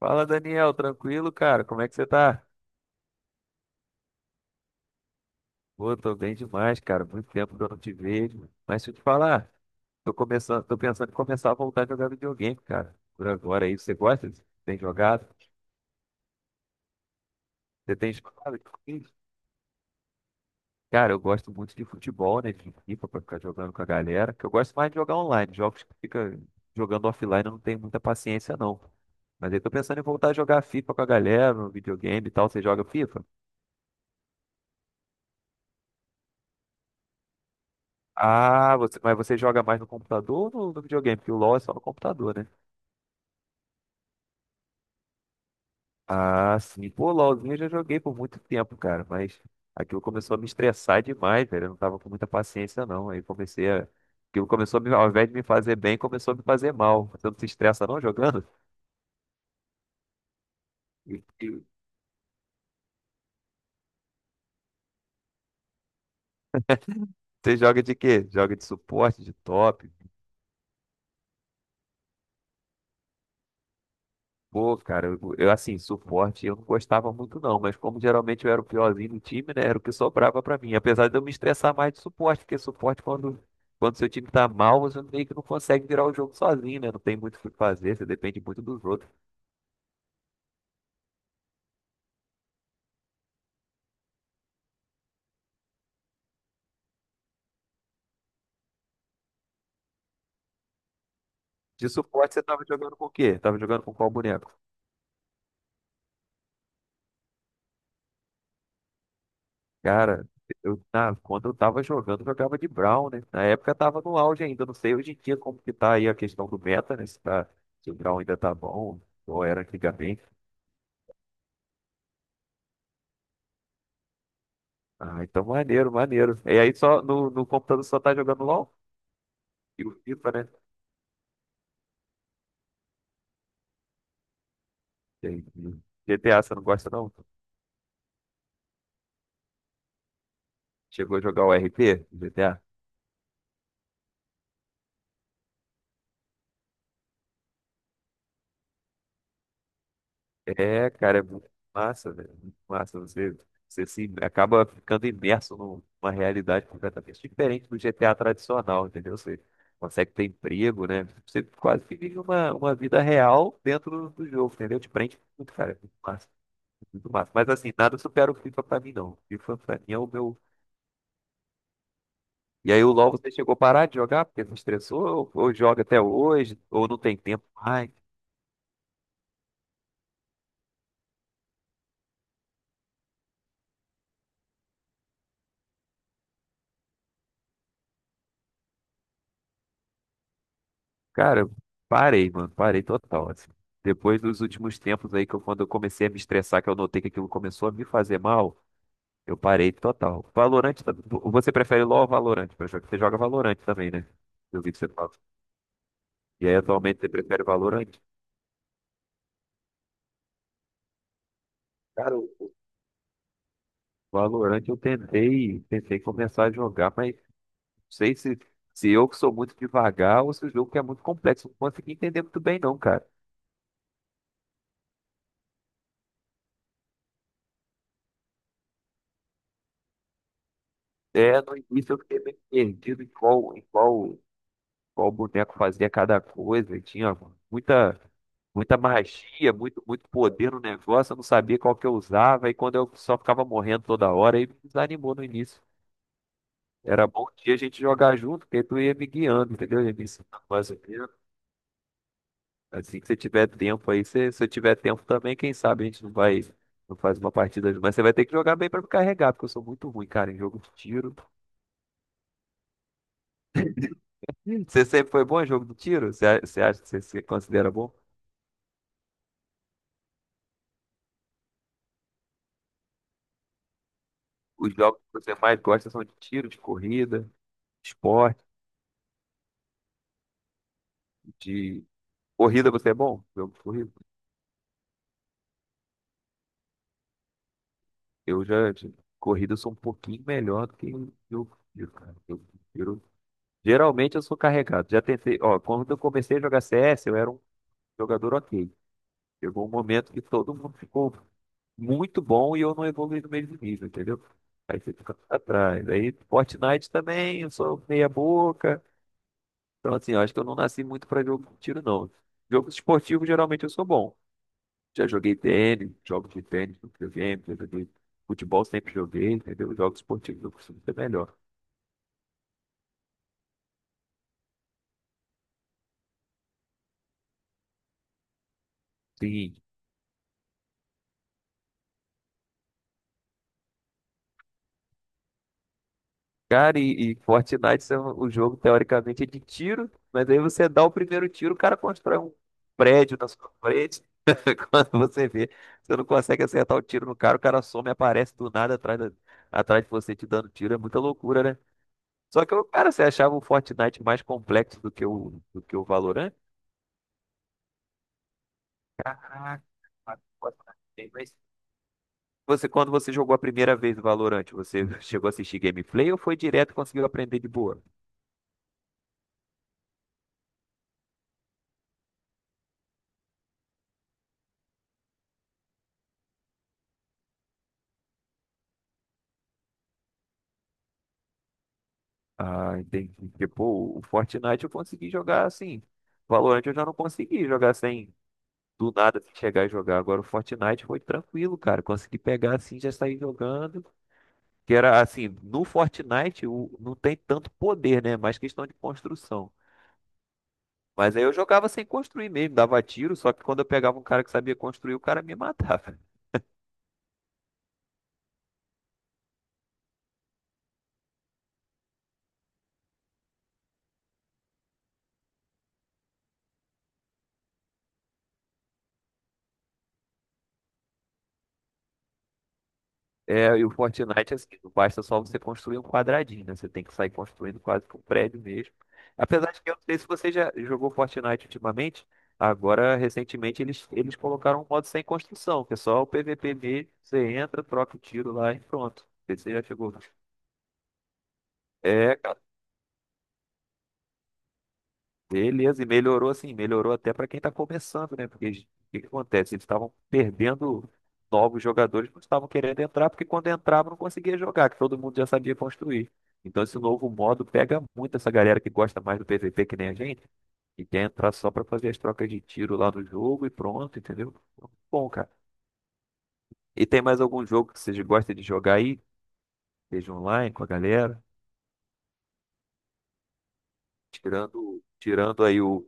Fala, Daniel, tranquilo, cara? Como é que você tá? Pô, tô bem demais, cara. Muito tempo que eu não te vejo. Mas deixa eu te falar, tô pensando em começar a voltar a jogar videogame, cara. Por agora aí, você gosta? Tem jogado? Você tem jogado? Sim. Cara, eu gosto muito de futebol, né? De FIFA pra ficar jogando com a galera. Que eu gosto mais de jogar online. Jogos que fica jogando offline, eu não tenho muita paciência, não. Mas aí tô pensando em voltar a jogar FIFA com a galera no videogame e tal. Você joga FIFA? Ah, você, mas você joga mais no computador ou no videogame? Porque o LoL é só no computador, né? Ah, sim. Pô, LoLzinho eu já joguei por muito tempo, cara. Mas aquilo começou a me estressar demais, velho. Eu não tava com muita paciência, não. Aí comecei a. Aquilo começou a me, ao invés de me fazer bem, começou a me fazer mal. Você não se estressa, não, jogando? E- e Você joga de quê? Joga de suporte, de top? Pô, cara, assim, suporte eu não gostava muito não, mas como geralmente eu era o piorzinho do time, né, era o que sobrava pra mim. Apesar de eu me estressar mais de suporte, porque quando seu time tá mal, você meio que não consegue virar o jogo sozinho, né? Não tem muito o que fazer, você depende muito dos outros. De suporte você tava jogando com o quê? Tava jogando com qual boneco? Cara, quando eu tava jogando, eu jogava de Brown, né? Na época tava no auge ainda, não sei hoje em dia como que tá aí a questão do meta, né? Se o Brown ainda tá bom, ou era antigamente. Ah, então maneiro, maneiro. E aí só no computador só tá jogando LOL e o FIFA, né? Entendi. GTA, você não gosta não? Chegou a jogar o RP do GTA? É, cara, é muito massa, velho. Muito massa. Você se acaba ficando imerso numa realidade completamente diferente do GTA tradicional, entendeu? Você consegue ter emprego, né? Você quase que vive uma vida real dentro do, do jogo, entendeu? Te prende muito, cara. Muito massa, muito massa. Mas assim, nada supera o FIFA pra mim, não. O FIFA pra mim é o meu. E aí o LoL você chegou a parar de jogar porque se estressou, ou joga até hoje, ou não tem tempo mais. Cara, eu parei, mano, parei total, assim. Depois dos últimos tempos aí, que eu, quando eu comecei a me estressar, que eu notei que aquilo começou a me fazer mal, eu parei total. Você prefere LoL ou Valorant pra jogar? Você joga Valorant também, né? Eu vi que você fala. E aí atualmente você prefere Valorant? Cara, o Valorant eu tentei, tentei começar a jogar, mas sei se, se eu que sou muito devagar ou se o jogo que é muito complexo. Não consegui entender muito bem, não, cara. É, no início eu fiquei meio perdido qual boneco fazia cada coisa. E tinha muita, muita magia, muito, muito poder no negócio. Eu não sabia qual que eu usava. E quando eu só ficava morrendo toda hora, aí me desanimou no início. Era bom que a gente jogar junto, porque tu ia me guiando, entendeu? Ia me ensinando mais ou menos. Assim que você tiver tempo aí, se eu tiver tempo também, quem sabe a gente não vai, não faz uma partida junto. Mas você vai ter que jogar bem pra me carregar, porque eu sou muito ruim, cara, em jogo de tiro. Ih, você sempre foi bom em jogo de tiro? Você acha que você se considera bom? Os jogos que você mais gosta são de tiro, de corrida, de esporte, de... Corrida você é bom? Jogo de corrida? De corrida eu sou um pouquinho melhor do que eu jogo de tiro, cara. Jogo de Geralmente eu sou carregado. Já tentei, ó, quando eu comecei a jogar CS, eu era um jogador ok. Chegou um momento que todo mundo ficou muito bom e eu não evoluí no mesmo nível, entendeu? Aí você fica pra trás. Aí Fortnite também, eu sou meia boca. Então, assim, eu acho que eu não nasci muito pra jogo de tiro, não. Jogos esportivos, geralmente, eu sou bom. Já joguei tênis, jogos de tênis no videogame, já joguei futebol, sempre joguei, entendeu? Jogos esportivos, eu costumo ser melhor. Sim. Cara, Fortnite o jogo, teoricamente, é de tiro, mas aí você dá o primeiro tiro, o cara constrói um prédio na sua frente. Quando você vê, você não consegue acertar o tiro no cara, o cara some e aparece do nada atrás, atrás de você te dando tiro. É muita loucura, né? Só que, o cara, você achava o Fortnite mais complexo do que o Valorant? Caraca, Fortnite tem, mas quando você jogou a primeira vez o Valorant, você chegou a assistir gameplay ou foi direto e conseguiu aprender de boa? Ah, entendi. Tipo, o Fortnite eu consegui jogar assim. Valorant eu já não consegui jogar sem do nada assim, chegar e jogar. Agora o Fortnite foi tranquilo, cara. Consegui pegar assim, já sair jogando. Que era assim, não tem tanto poder, né? Mais questão de construção. Mas aí eu jogava sem construir mesmo, dava tiro, só que quando eu pegava um cara que sabia construir, o cara me matava. É, e o Fortnite, assim, não basta só você construir um quadradinho, né? Você tem que sair construindo quase que um prédio mesmo. Apesar de que eu não sei se você já jogou Fortnite ultimamente, agora, recentemente, eles colocaram um modo sem construção, que é só o PVP mesmo, você entra, troca o tiro lá e pronto. Você já chegou. É, beleza, e melhorou assim, melhorou até para quem está começando, né? O que que acontece? Eles estavam perdendo novos jogadores, não estavam querendo entrar, porque quando entrava não conseguia jogar, que todo mundo já sabia construir. Então esse novo modo pega muito essa galera que gosta mais do PVP que nem a gente, e quer entrar só para fazer as trocas de tiro lá no jogo e pronto, entendeu? Bom, cara. E tem mais algum jogo que vocês gostam de jogar aí? Seja online com a galera? Tirando aí o.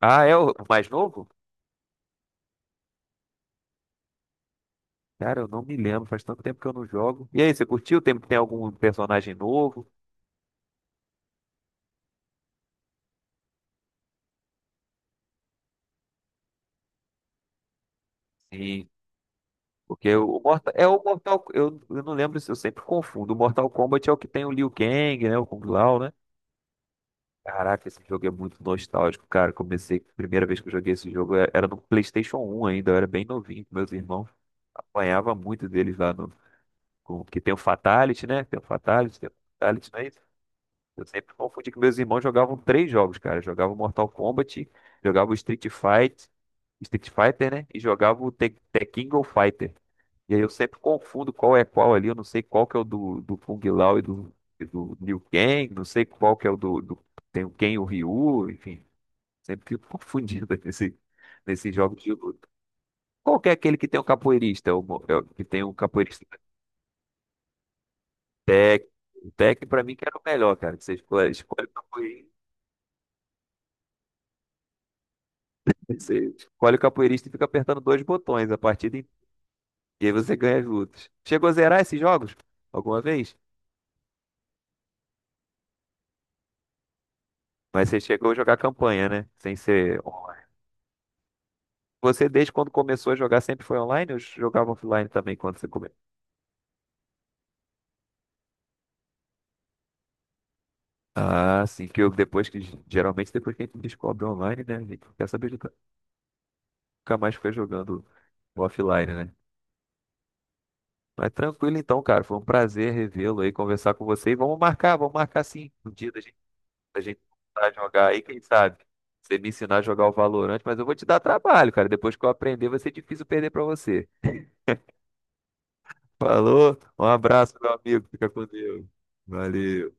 Ah, é o mais novo? Cara, eu não me lembro, faz tanto tempo que eu não jogo. E aí, você curtiu? Tem algum personagem novo? Sim, porque o Mortal, eu não lembro se eu sempre confundo. O Mortal Kombat é o que tem o Liu Kang, né? O Kung Lao, né? Caraca, esse jogo é muito nostálgico, cara. Comecei, a primeira vez que eu joguei esse jogo era no PlayStation 1 ainda, eu era bem novinho com meus irmãos. Apanhava muito deles lá no, com, que tem o Fatality, né? Tem o Fatality, não é isso? Eu sempre confundi que meus irmãos jogavam três jogos, cara. Jogavam Mortal Kombat, jogavam Street Fighter, né? E jogava o Tekken Go Fighter. E aí eu sempre confundo qual é qual ali. Eu não sei qual que é o do Kung Lao e do Liu Kang. Não sei qual que é o Tem o Ken e o Ryu. Enfim, sempre fico confundido nesses jogos de luta. Qual que é aquele que tem um capoeirista? É O, mo- é o que tem um capoeirista. Tekken. O Tekken pra mim que era o melhor, cara. Que você escolhe o capoeirista. Você escolhe o capoeirista e fica apertando dois botões a partida inteira. E aí você ganha as lutas. Chegou a zerar esses jogos? Alguma vez? Mas você chegou a jogar campanha, né? Sem ser online. Você, desde quando começou a jogar, sempre foi online ou jogava offline também quando você começou? Ah, sim, que eu, depois que. Geralmente, depois que a gente descobre online, né? A gente não quer saber de nunca mais ficar jogando offline, né? Mas tranquilo então, cara. Foi um prazer revê-lo aí, conversar com você. E vamos marcar sim. Um dia da gente pra gente voltar a jogar aí, quem sabe? Você me ensinar a jogar o Valorant, mas eu vou te dar trabalho, cara. Depois que eu aprender, vai ser difícil perder pra você. Falou, um abraço, meu amigo. Fica com Deus. Valeu.